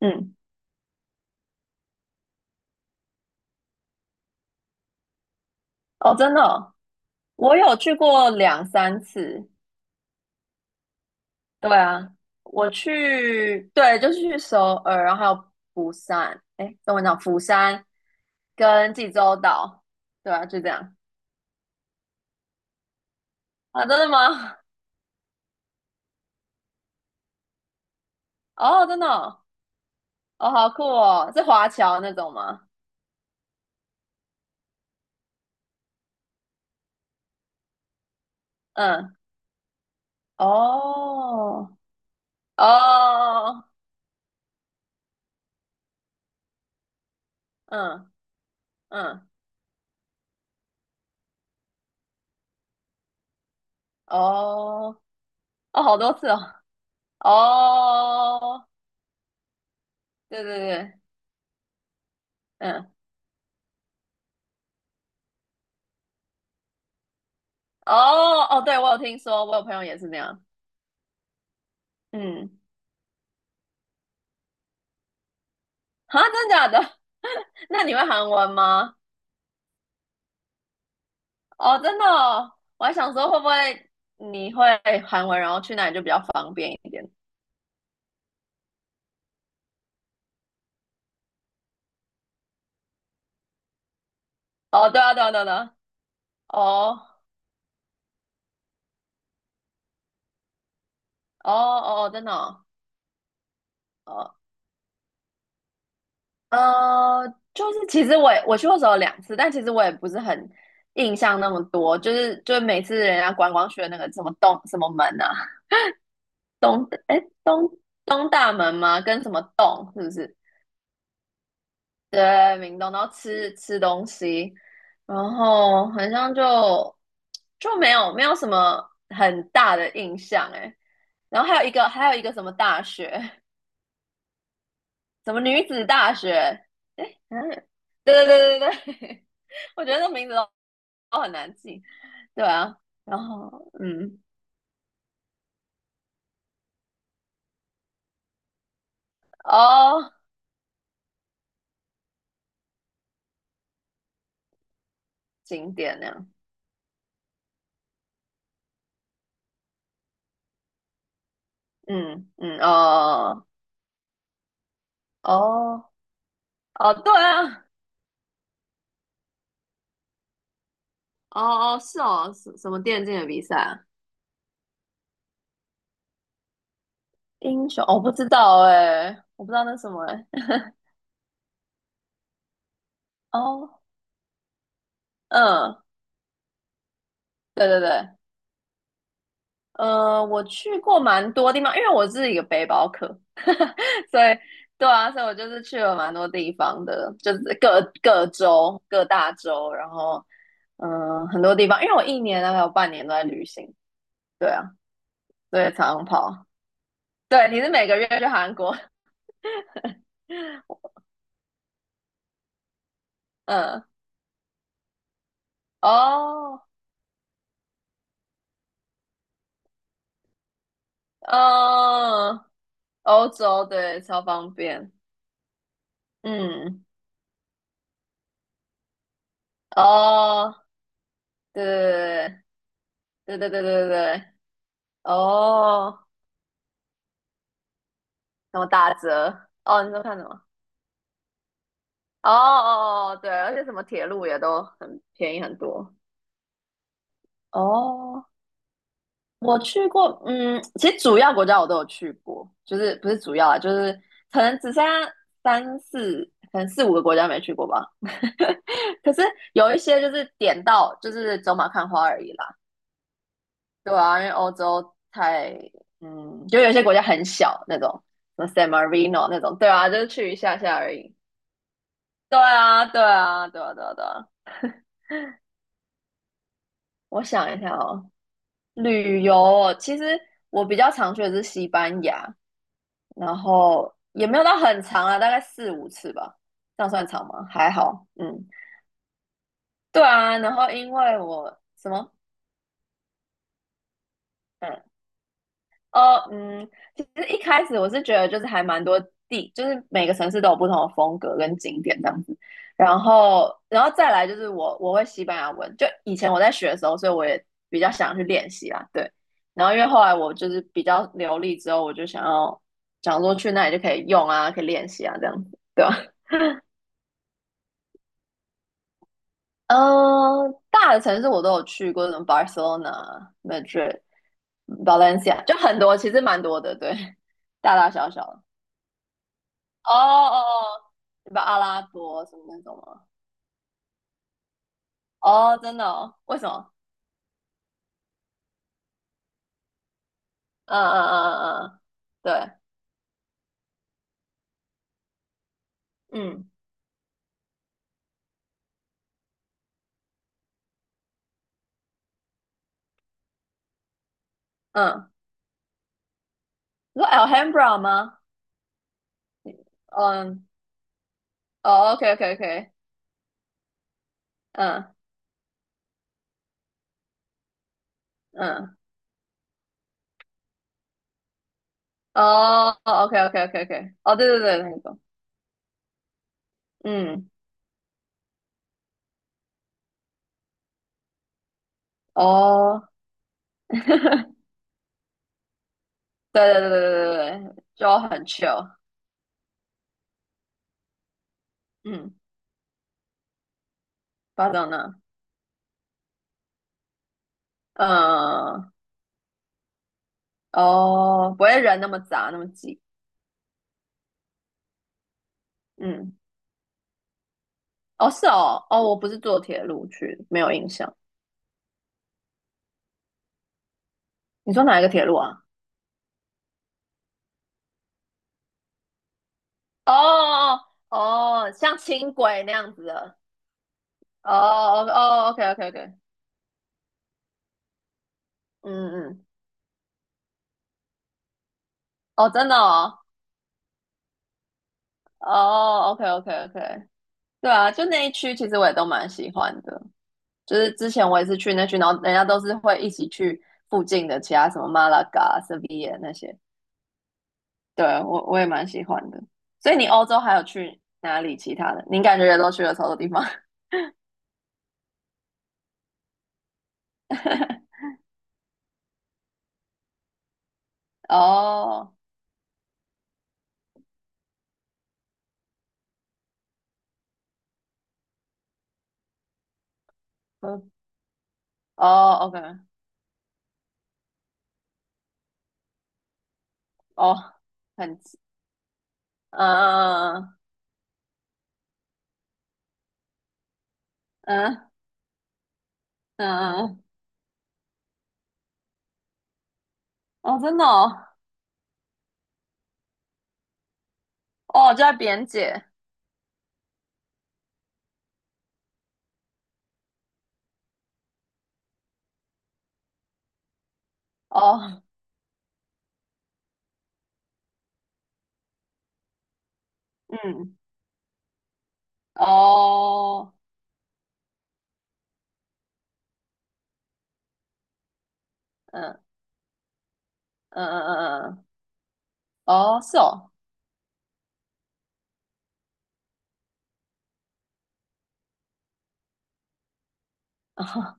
嗯，哦，真的哦，我有去过2、3次。对啊，我去，对，就是去首尔，然后还有釜山，哎，跟我讲釜山跟济州岛，对啊，就这样。啊，真的吗？哦，真的哦，哦，好酷哦，是华侨那种吗？嗯，哦，哦，嗯嗯，哦，哦，好多次哦，哦，对对对，嗯。哦哦，对，我有听说，我有朋友也是这样。嗯，啊，真的假的？那你会韩文吗？哦，真的哦，我还想说会不会你会韩文，然后去那里就比较方便一点。哦，对啊，对啊，对啊，对啊，哦哦哦，哦，真的哦。哦，呃，就是其实我去过首尔2次，但其实我也不是很印象那么多，就是就是每次人家观光区的那个什么洞什么门啊，东哎东东大门吗？跟什么洞是不是？对，明洞，然后吃吃东西，然后好像就就没有什么很大的印象诶。然后还有一个什么大学，什么女子大学，嗯，对对对对对，我觉得这名字都都很难记。对啊，然后哦，景点那样，嗯嗯，哦，哦哦，对啊，哦哦，是哦，什么电竞的比赛啊？英雄，我不知道哎、我不知道那什么哎、哦，嗯，对对对，我去过蛮多地方，因为我是一个背包客，所以对啊，所以我就是去了蛮多地方的，就是各各州、各大洲，然后嗯、很多地方，因为我一年大概有半年都在旅行，对啊，对，以常常跑。对，你是每个月去韩国？嗯，哦，嗯，欧洲，对，超方便。嗯，哦，对对对对对对对，对，哦，什么打折？哦，你说看什么？哦哦哦，对，而且什么铁路也都很便宜很多。哦，我去过，嗯，其实主要国家我都有去过，就是不是主要啊，就是可能只剩下三四，可能四五个国家没去过吧。可是有一些就是点到就是走马看花而已啦。对啊，因为欧洲太，就有些国家很小那种，什么 San Marino 那种，对啊，就是去一下下而已。对啊，对啊，对啊，对啊，对啊。我想一下哦，旅游哦其实我比较常去的是西班牙，然后也没有到很长啊，大概4、5次吧，这样算长吗？还好，嗯，对啊。然后因为我什么？嗯，呃，嗯，其实一开始我是觉得就是还蛮多地，就是每个城市都有不同的风格跟景点这样子。然后再来就是我会西班牙文，就以前我在学的时候，所以我也比较想去练习啦，对。然后因为后来我就是比较流利之后，我就想说去那里就可以用啊，可以练习啊这样子，对吧？嗯，大的城市我都有去过，什么 Barcelona、Madrid、Valencia，就很多，其实蛮多的，对，大大小小的。哦哦哦，对吧？阿拉伯什么那种吗？哦，真的哦？为什么？嗯嗯嗯嗯嗯，对，嗯嗯，你说 Alhambra 吗？嗯，哦，OK OK OK，嗯嗯，哦，OK OK OK OK，哦，对对对，那种，嗯，哦，对对对对对对，就很 chill，嗯，巴掌呢？嗯，哦，不会人那么杂那么挤，嗯，哦是哦，哦，我不是坐铁路去，没有印象。你说哪一个铁路啊？哦哦，哦，像轻轨那样子的。哦哦哦，OK OK OK，嗯嗯，哦，真的哦，哦，OK OK OK，对啊，就那一区其实我也都蛮喜欢的，就是之前我也是去那区，然后人家都是会一起去附近的其他什么马拉嘎、塞维耶那些，对，我也蛮喜欢的。所以你欧洲还有去哪里其他的？你感觉也都去了超多地方？哦，嗯，哦，OK，哦，很嗯嗯嗯，嗯，哦，真的哦，哦，就在边界，哦，嗯，哦，嗯嗯嗯嗯，嗯，哦，是哦，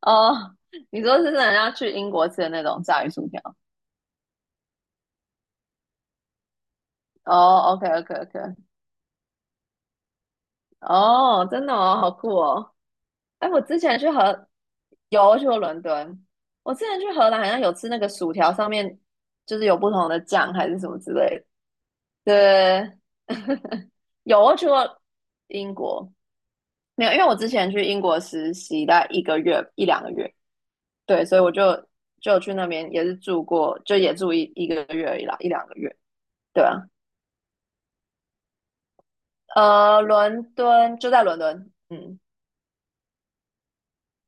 哦，你说是人家去英国吃的那种炸鱼薯条，哦，OK OK OK，哦，真的哦，好酷哦，哎，我之前去荷，有我去过伦敦，我之前去荷兰好像有吃那个薯条，上面就是有不同的酱还是什么之类的，对，有我去过英国。没有，因为我之前去英国实习大概一个月一两个月，对，所以我就去那边也是住过，就也住一个月而已啦，一两个月，对啊，伦敦就在伦敦，嗯，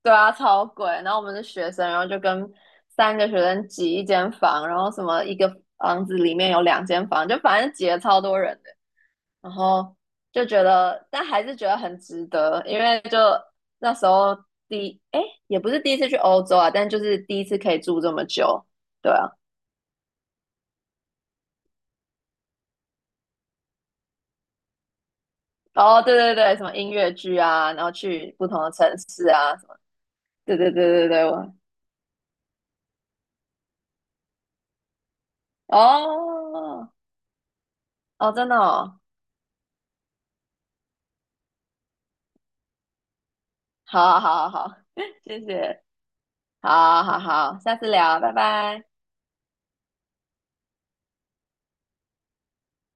对啊，超贵。然后我们是学生，然后就跟三个学生挤一间房，然后什么一个房子里面有两间房，就反正挤了超多人的。然后就觉得，但还是觉得很值得，因为就那时候第，哎，也不是第一次去欧洲啊，但就是第一次可以住这么久，对啊，哦，对对对，什么音乐剧啊，然后去不同的城市啊，什么，对对对对对，我，哦哦，真的哦，好好好好好啊，谢谢，好啊好啊好啊，下次聊，拜拜。